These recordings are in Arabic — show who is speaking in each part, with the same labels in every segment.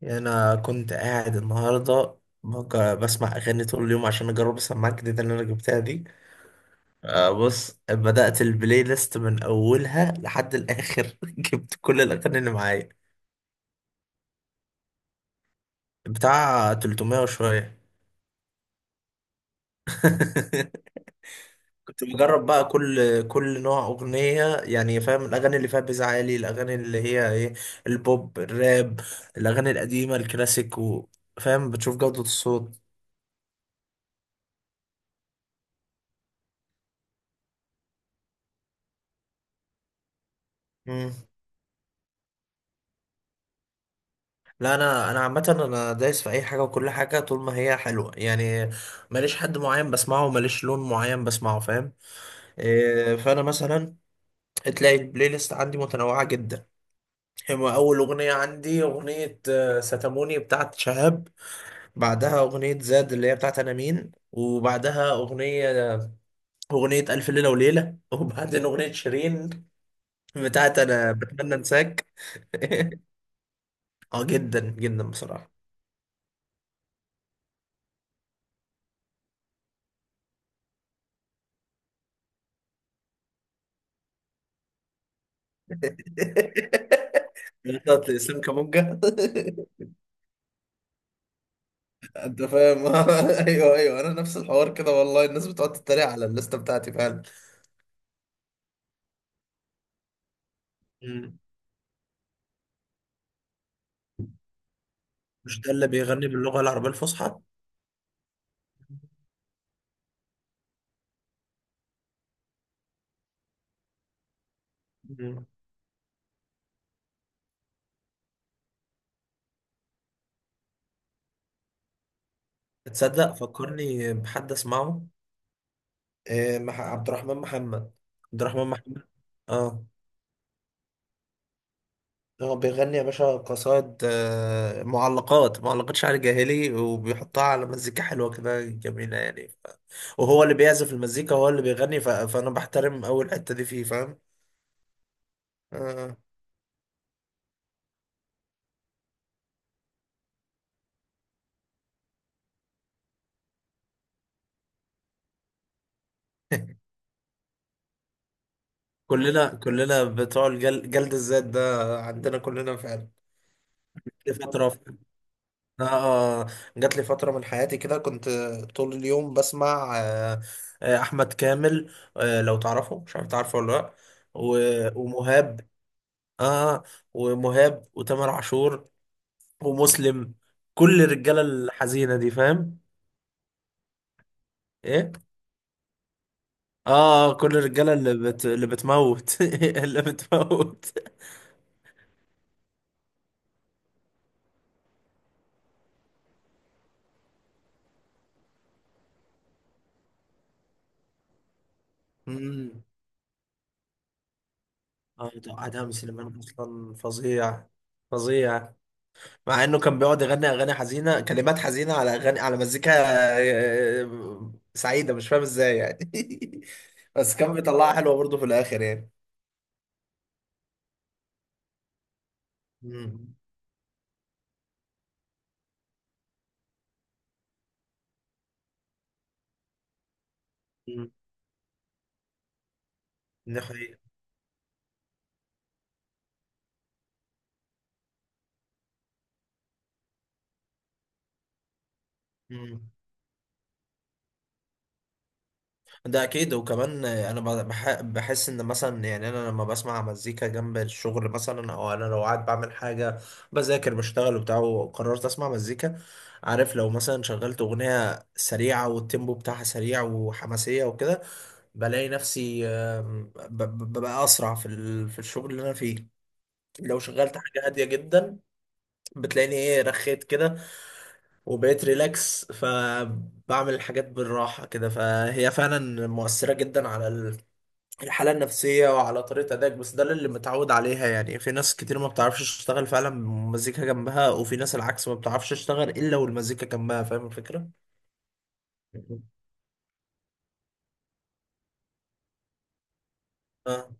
Speaker 1: يعني انا كنت قاعد النهارده بسمع اغاني طول اليوم عشان اجرب السماعه الجديده اللي انا جبتها دي. بص بدات البلاي ليست من اولها لحد الاخر. جبت كل الاغاني اللي معايا بتاع 300 وشويه. كنت بجرب بقى كل نوع اغنيه، يعني فاهم، الاغاني اللي فيها بيز عالي، الاغاني اللي هي ايه، البوب، الراب، الاغاني القديمه الكلاسيك فاهم، بتشوف جوده الصوت. مم. لا، انا عامه انا دايس في اي حاجه وكل حاجه طول ما هي حلوه يعني. ماليش حد معين بسمعه، ماليش لون معين بسمعه، فاهم. إيه، فانا مثلا تلاقي البلاي ليست عندي متنوعه جدا. هما اول اغنيه عندي اغنيه ستاموني بتاعت شهاب. بعدها اغنيه زاد اللي هي بتاعت انا مين، وبعدها اغنيه الف ليله وليله. وبعدين اغنيه شيرين بتاعت انا بتمنى انساك. اه جدا جدا بصراحه. بتاعت اسلام كامونجا. انت فاهم. ايوه ايوه، انا نفس الحوار كده والله، الناس بتقعد تتريق على الليسته بتاعتي فعلا. مم. مش ده اللي بيغني باللغة العربية الفصحى؟ مم. تصدق فكرني بحد اسمعه. إيه، عبد الرحمن محمد، عبد الرحمن محمد. اه، هو بيغني يا باشا قصائد، معلقات، معلقات شعر جاهلي وبيحطها على مزيكا حلوة كده جميلة يعني وهو اللي بيعزف المزيكا هو اللي بيغني فأنا بحترم أول الحتة دي فيه، فاهم. آه. كلنا كلنا بتوع جلد الذات ده عندنا كلنا فعلا. جات لي فترة. آه آه، جات لي فترة من حياتي كده كنت طول اليوم بسمع أحمد كامل. آه لو تعرفه، مش عارف تعرفه ولا لأ. و... ومهاب. آه ومهاب وتامر عاشور ومسلم. كل الرجالة الحزينة دي فاهم. إيه؟ آه آه، كل الرجالة اللي بتموت. اللي بتموت. اه، توقعت هام سليمان اصلا فظيع، فظيع. مع انه كان بيقعد يغني اغاني حزينه، كلمات حزينه على اغاني، على مزيكا سعيده، مش فاهم ازاي يعني. بس كان بيطلعها حلوه برضه في الاخر يعني. امم. أمم. دي حقيقه. مم. ده اكيد. وكمان انا بحس ان مثلا يعني انا لما بسمع مزيكا جنب الشغل مثلا، او انا لو قاعد بعمل حاجه، بذاكر، بشتغل، وبتاع، وقررت اسمع مزيكا، عارف، لو مثلا شغلت اغنيه سريعه والتيمبو بتاعها سريع وحماسيه وكده، بلاقي نفسي ببقى اسرع في الشغل اللي انا فيه. لو شغلت حاجه هاديه جدا بتلاقيني ايه، رخيت كده وبقيت ريلاكس، فبعمل الحاجات بالراحه كده. فهي فعلا مؤثره جدا على الحالة النفسية وعلى طريقة أدائك، بس ده اللي متعود عليها يعني. في ناس كتير ما بتعرفش تشتغل فعلا مزيكا جنبها، وفي ناس العكس، ما بتعرفش تشتغل إلا والمزيكا جنبها، فاهم الفكرة؟ اه.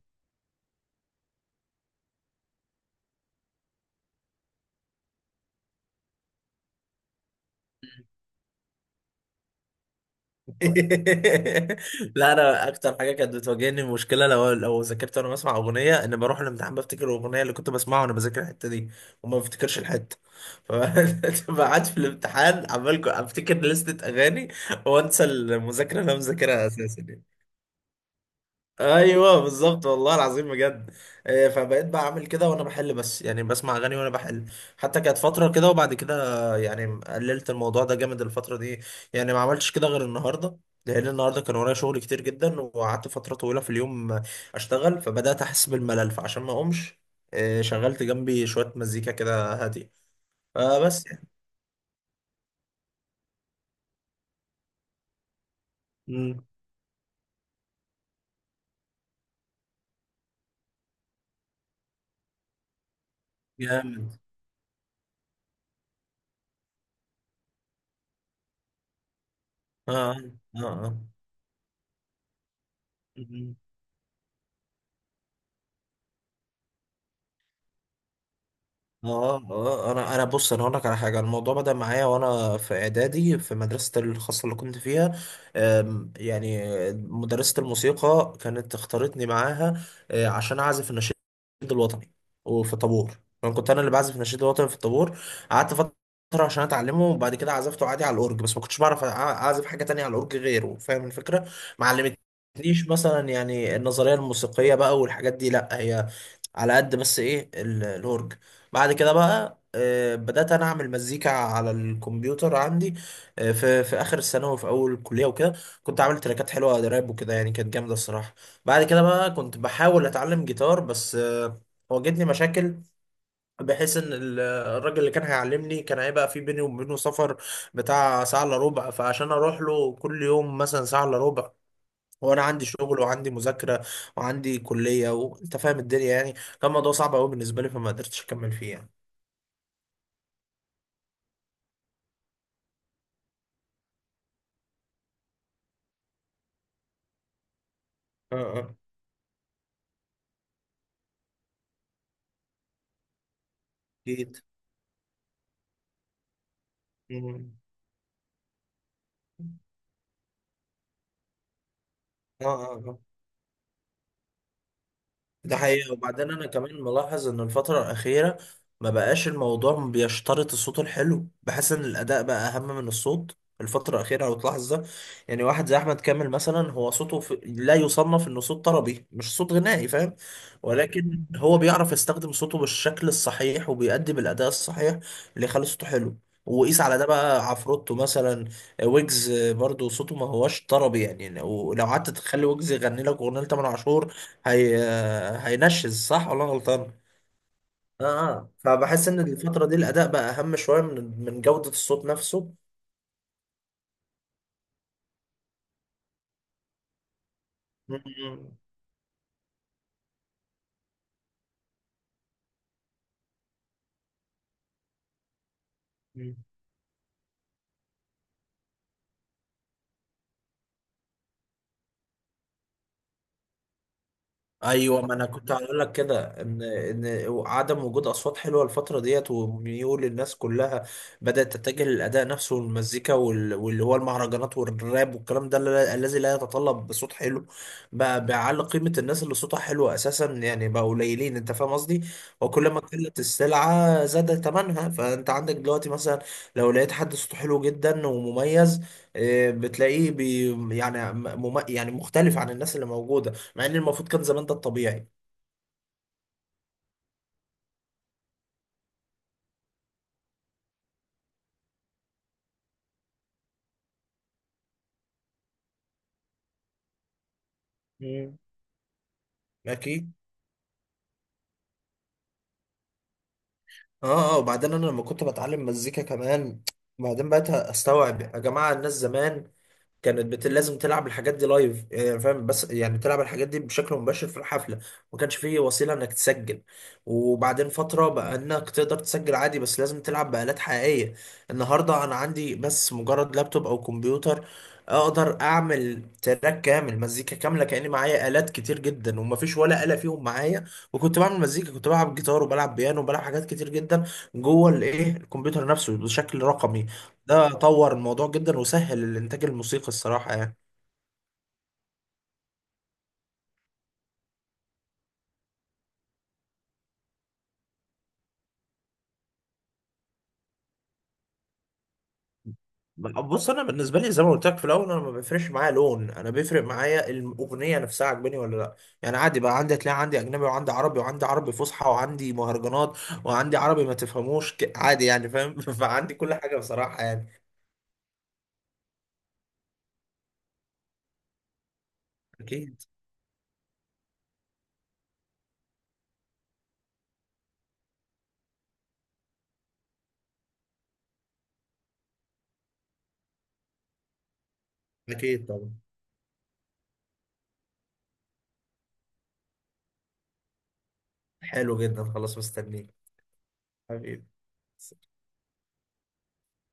Speaker 1: لا، أنا أكتر حاجة كانت بتواجهني مشكلة، لو ذاكرت وأنا بسمع أغنية، إن بروح الامتحان بفتكر الأغنية اللي كنت بسمعها وأنا بذاكر الحتة دي وما بفتكرش الحتة. فبقعد في الامتحان عمال أفتكر لستة أغاني وأنسى المذاكرة اللي أنا مذاكرها أساسا يعني. ايوه بالظبط، والله العظيم بجد. فبقيت بعمل كده وانا بحل، بس يعني بسمع اغاني وانا بحل. حتى كانت فتره كده، وبعد كده يعني قللت الموضوع ده جامد الفتره دي. يعني ما عملتش كده غير النهارده، لان النهارده كان ورايا شغل كتير جدا، وقعدت فتره طويله في اليوم اشتغل، فبدات احس بالملل، فعشان ما اقومش شغلت جنبي شويه مزيكا كده هاديه، فبس يعني. مم. جامد. اه اه اه. مم. اه اه، انا بص، انا هقول لك على حاجه. الموضوع بدا معايا وانا في اعدادي في مدرسه الخاصه اللي كنت فيها. يعني مدرسه الموسيقى كانت اختارتني معاها عشان اعزف النشيد الوطني. وفي طابور، انا كنت انا اللي بعزف النشيد الوطني في الطابور. قعدت فتره عشان اتعلمه، وبعد كده عزفته عادي على الاورج، بس ما كنتش بعرف اعزف حاجه تانية على الاورج غيره، فاهم الفكره. ما علمتنيش مثلا يعني النظريه الموسيقيه بقى والحاجات دي، لا، هي على قد بس ايه الاورج. بعد كده بقى بدأت أنا أعمل مزيكا على الكمبيوتر عندي في في آخر الثانوي وفي أول الكلية وكده. كنت عامل تراكات حلوة راب وكده، يعني كانت جامدة الصراحة. بعد كده بقى كنت بحاول أتعلم جيتار، بس واجهتني مشاكل، بحيث إن الراجل اللي كان هيعلمني كان هيبقى في بيني وبينه سفر بتاع ساعة إلا ربع، فعشان أروح له كل يوم مثلا ساعة إلا ربع، وأنا عندي شغل وعندي مذاكرة وعندي كلية وأنت فاهم الدنيا يعني، كان الموضوع صعب أوي بالنسبة لي، فما قدرتش أكمل فيه يعني. اكيد. مم. اه اه. آه. ده حقيقة. وبعدين أنا كمان ملاحظ إن الفترة الأخيرة ما بقاش الموضوع بيشترط الصوت الحلو، بحس إن الأداء بقى أهم من الصوت الفترة الأخيرة لو تلاحظ ده. يعني واحد زي أحمد كامل مثلا، هو صوته لا يصنف إنه صوت طربي، مش صوت غنائي، فاهم، ولكن هو بيعرف يستخدم صوته بالشكل الصحيح وبيقدم الأداء الصحيح اللي يخلي صوته حلو. وقيس على ده بقى عفروتو مثلا، ويجز برضو صوته ما هوش طربي، يعني لو قعدت تخلي ويجز يغني لك أغنية لتامر عاشور هي هينشز، صح ولا أنا غلطان؟ اه اه، فبحس ان الفترة دي الاداء بقى اهم شوية من جودة الصوت نفسه. مم. ايوه، ما انا كنت هقول لك كده، ان عدم وجود اصوات حلوه الفتره ديت وميول الناس كلها بدات تتجه للاداء نفسه والمزيكا واللي هو المهرجانات والراب والكلام ده الذي لا يتطلب صوت حلو، بقى بيعلي قيمه الناس اللي صوتها حلو اساسا يعني، بقى قليلين، انت فاهم قصدي. وكل ما قلت السلعه زاد ثمنها، فانت عندك دلوقتي مثلا لو لقيت حد صوته حلو جدا ومميز آه، بتلاقيه بي يعني يعني مختلف عن الناس اللي موجوده، مع ان المفروض كان زمان ده الطبيعي. مم. اكيد. اه اه، وبعدين انا لما كنت بتعلم مزيكا كمان، بعدين بقيت استوعب يا جماعه، الناس زمان كانت لازم تلعب الحاجات دي لايف، يعني فاهم، بس يعني تلعب الحاجات دي بشكل مباشر في الحفله، ما كانش فيه وسيله انك تسجل. وبعدين فتره بقى انك تقدر تسجل عادي، بس لازم تلعب بآلات حقيقيه. النهارده انا عندي بس مجرد لابتوب او كمبيوتر اقدر اعمل تراك كامل، مزيكا كامله، كاني معايا آلات كتير جدا ومفيش ولا آلة فيهم معايا. وكنت بعمل مزيكا، كنت بلعب جيتار وبلعب بيانو وبلعب حاجات كتير جدا جوه الكمبيوتر نفسه بشكل رقمي. ده طور الموضوع جدا وسهل الانتاج الموسيقي الصراحه يعني. بص انا بالنسبه لي زي ما قلت لك في الاول، انا ما بيفرقش معايا لون، انا بيفرق معايا الاغنيه نفسها عجباني ولا لا. يعني عادي بقى، عندي تلاقي عندي اجنبي وعندي عربي وعندي عربي فصحى وعندي مهرجانات وعندي عربي ما تفهموش عادي يعني فاهم. فعندي كل حاجه بصراحه يعني. اكيد. اكيد طبعا. حلو جدا، خلاص مستنيك حبيبي.